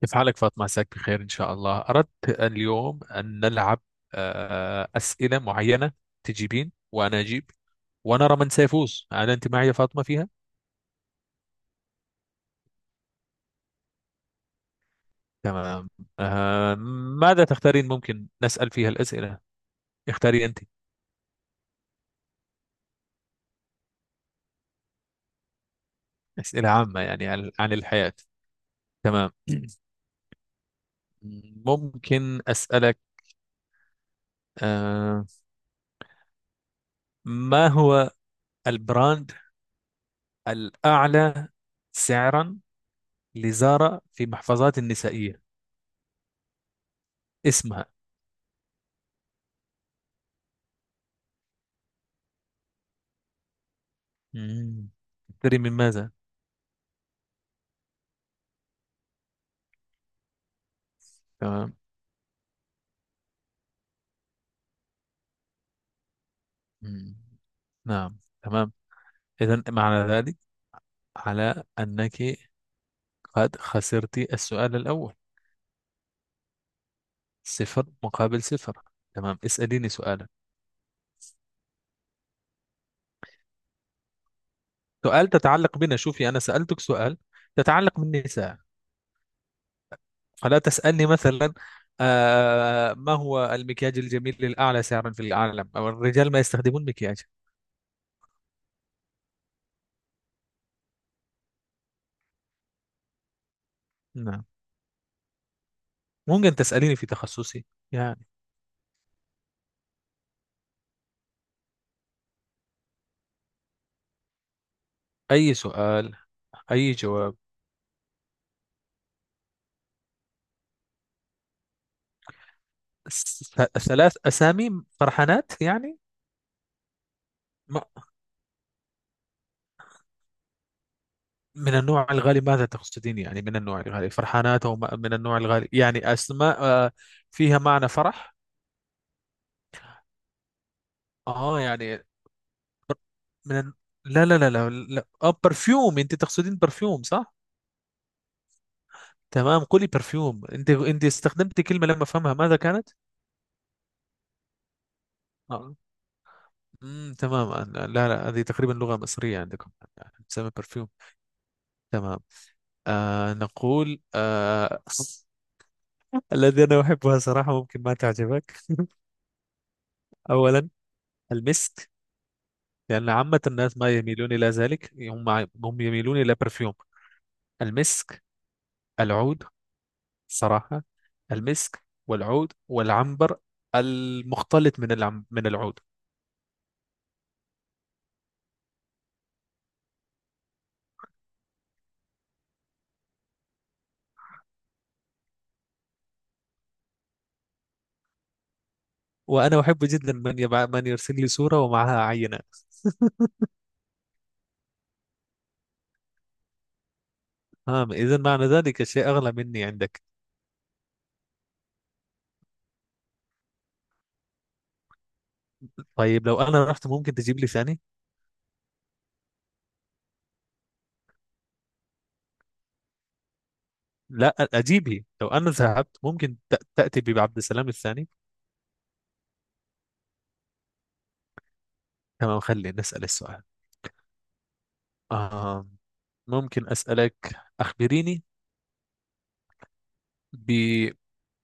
كيف حالك فاطمة؟ عساك بخير إن شاء الله. أردت اليوم أن نلعب أسئلة معينة، تجيبين وأنا أجيب، ونرى من سيفوز. هل أنت معي يا فاطمة فيها؟ تمام. آه، ماذا تختارين؟ ممكن نسأل فيها الأسئلة؟ اختاري أنت. أسئلة عامة، يعني عن الحياة. تمام. ممكن أسألك، آه، ما هو البراند الأعلى سعرا لزارا في محفظات النسائية؟ اسمها. مم. تشتري من ماذا؟ تمام. مم. نعم، تمام. إذا معنى ذلك على أنك قد خسرت السؤال الأول، صفر مقابل صفر. تمام، اسأليني سؤالا. سؤال تتعلق بنا، شوفي، أنا سألتك سؤال تتعلق بالنساء، فلا تسألني مثلا ما هو المكياج الجميل للأعلى سعرا في العالم، أو الرجال ما يستخدمون مكياج. نعم، ممكن تسأليني في تخصصي يعني، أي سؤال أي جواب. س- ثلاث أسامي فرحانات يعني، ما- من النوع الغالي. ماذا تقصدين؟ يعني من النوع الغالي فرحانات؟ أو من النوع الغالي يعني أسماء، فيها معنى فرح. يعني، من الن- لا، لا، لا، لا، لا. برفيوم، أنت تقصدين برفيوم، صح؟ تمام، قولي برفيوم. أنت استخدمتي كلمة لما أفهمها، ماذا كانت؟ آه. مم، تمام. لا، لا، هذه تقريبا لغة مصرية عندكم، تسمى برفيوم. تمام، نقول الذي أنا أحبها صراحة ممكن ما تعجبك. أولا، المسك، لأن عامة الناس ما يميلون إلى ذلك. هم يميلون إلى برفيوم. المسك، العود، صراحة، المسك والعود والعنبر، المختلط من العم من العود. وأنا أحب جدا من يرسل لي صورة ومعها عينة. ها، إذا معنى ذلك الشيء أغلى مني عندك. طيب، لو أنا رحت، ممكن تجيب لي ثاني؟ لا أجيبه. لو أنا ذهبت، ممكن تأتي بعبد السلام الثاني. تمام، خلينا نسأل السؤال. آه ممكن أسألك، أخبريني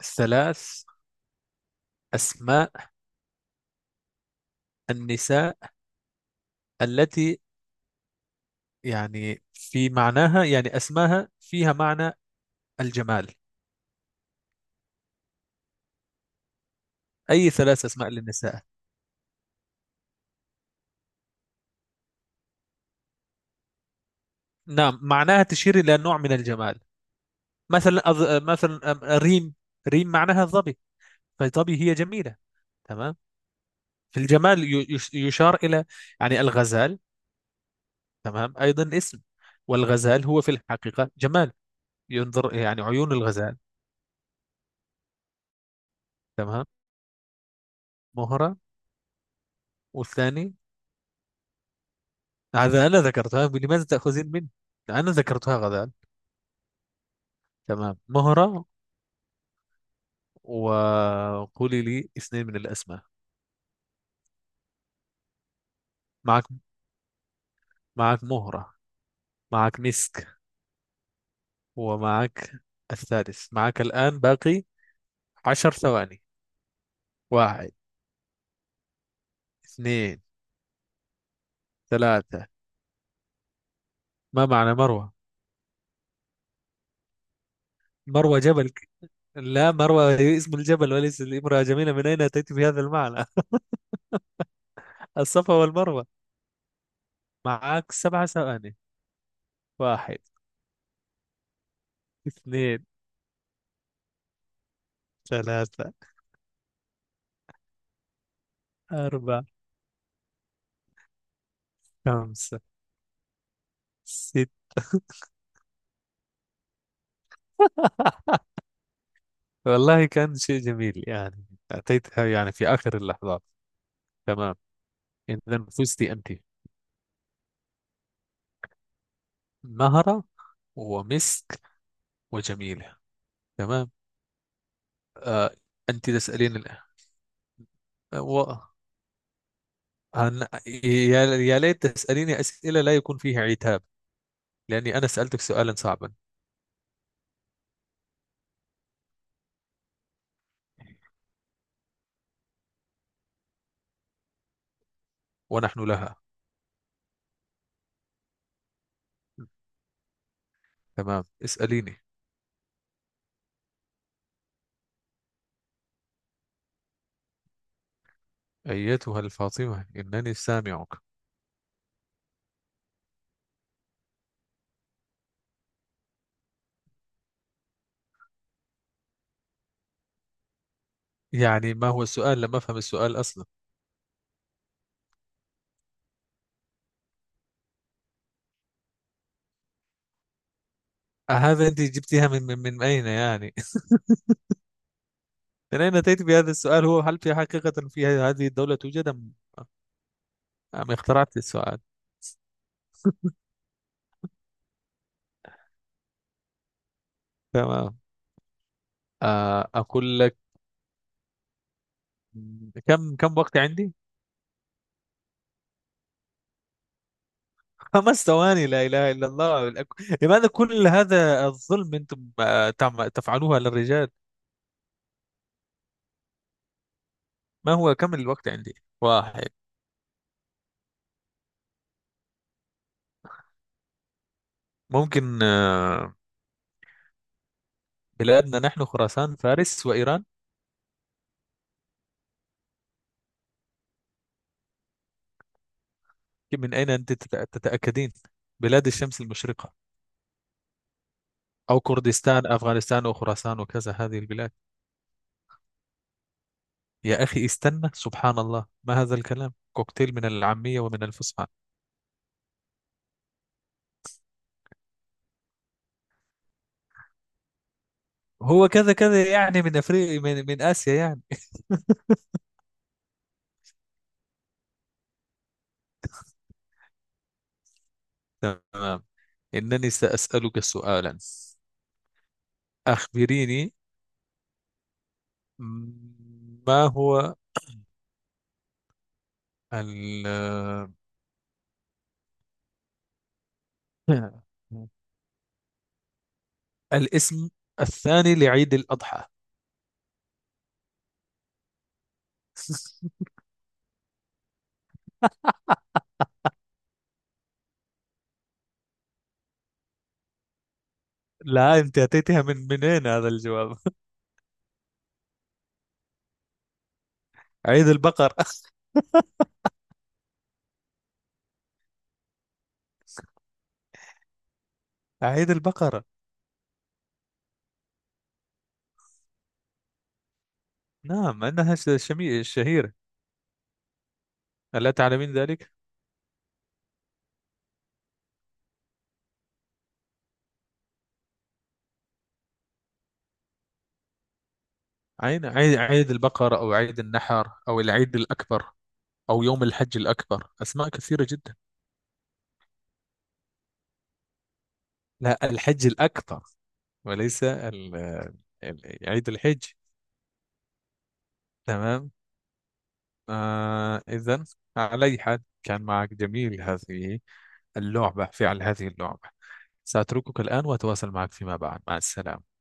بثلاث أسماء النساء التي يعني في معناها، يعني أسماها فيها معنى الجمال. أي ثلاث أسماء للنساء. نعم، معناها تشير إلى نوع من الجمال. مثلا مثلا ريم. ريم معناها الظبي، فالظبي هي جميلة. تمام. في الجمال يشار إلى يعني الغزال. تمام، أيضا اسم، والغزال هو في الحقيقة جمال، ينظر يعني عيون الغزال. تمام، مهرة، والثاني. هذا أنا ذكرتها، لماذا تأخذين مني؟ أنا ذكرتها غزال. تمام، مهرة، وقولي لي اثنين من الأسماء. معك، معك مهرة، معك مسك، ومعك الثالث. معك الآن باقي 10 ثواني. واحد، اثنين، ثلاثة. ما معنى مروة؟ مروة جبل، لا، مروة هي اسم الجبل وليس الامرأة جميلة، من أين أتيت بهذا المعنى؟ الصفا والمروة. معك 7 ثواني. واحد، اثنين، ثلاثة، أربعة، خمسة، ستة. والله كان شيء جميل يعني، أتيتها يعني في آخر اللحظات. تمام، إذا فزت أنت، مهرة ومسك وجميلة. تمام. آه. أنت تسألين الآن. آه، و... يا ليت تسأليني أسئلة لا يكون فيها عتاب، لأني أنا سألتك سؤالا صعبا. ونحن لها. تمام، اسأليني، أيتها الفاطمة، إنني سامعك. يعني ما هو السؤال؟ لم أفهم السؤال أصلا. هذا أنت جبتيها من أين يعني؟ من أين أتيت بهذا السؤال؟ هو هل في حقيقة في هذه الدولة توجد، أم اخترعت السؤال؟ تمام. أقول لك، كم وقت عندي؟ 5 ثواني. لا إله إلا الله. لماذا كل هذا الظلم؟ أنتم تفعلوها للرجال؟ ما هو كم الوقت عندي؟ واحد. ممكن، بلادنا نحن خراسان، فارس وإيران. من أين أنت تتأكدين؟ بلاد الشمس المشرقة، أو كردستان، أفغانستان، وخراسان، وكذا هذه البلاد. يا أخي استنى، سبحان الله، ما هذا الكلام؟ كوكتيل من العامية ومن الفصحى. هو كذا كذا يعني، من أفريقيا، من, من آسيا يعني. تمام، إنني سأسألك سؤالا. أخبريني، ما هو ال الاسم الثاني لعيد الأضحى؟ لا، أنت أتيتها من منين هذا الجواب؟ عيد البقر. عيد البقرة. نعم، أنها شهيرة، ألا تعلمين ذلك؟ عيد البقر، أو عيد النحر، أو العيد الأكبر، أو يوم الحج الأكبر، أسماء كثيرة جدا. لا، الحج الأكبر، وليس عيد الحج. تمام. إذا، على أي حال، كان معك جميل هذه اللعبة، فعل هذه اللعبة. سأتركك الآن وأتواصل معك فيما بعد. مع السلامة.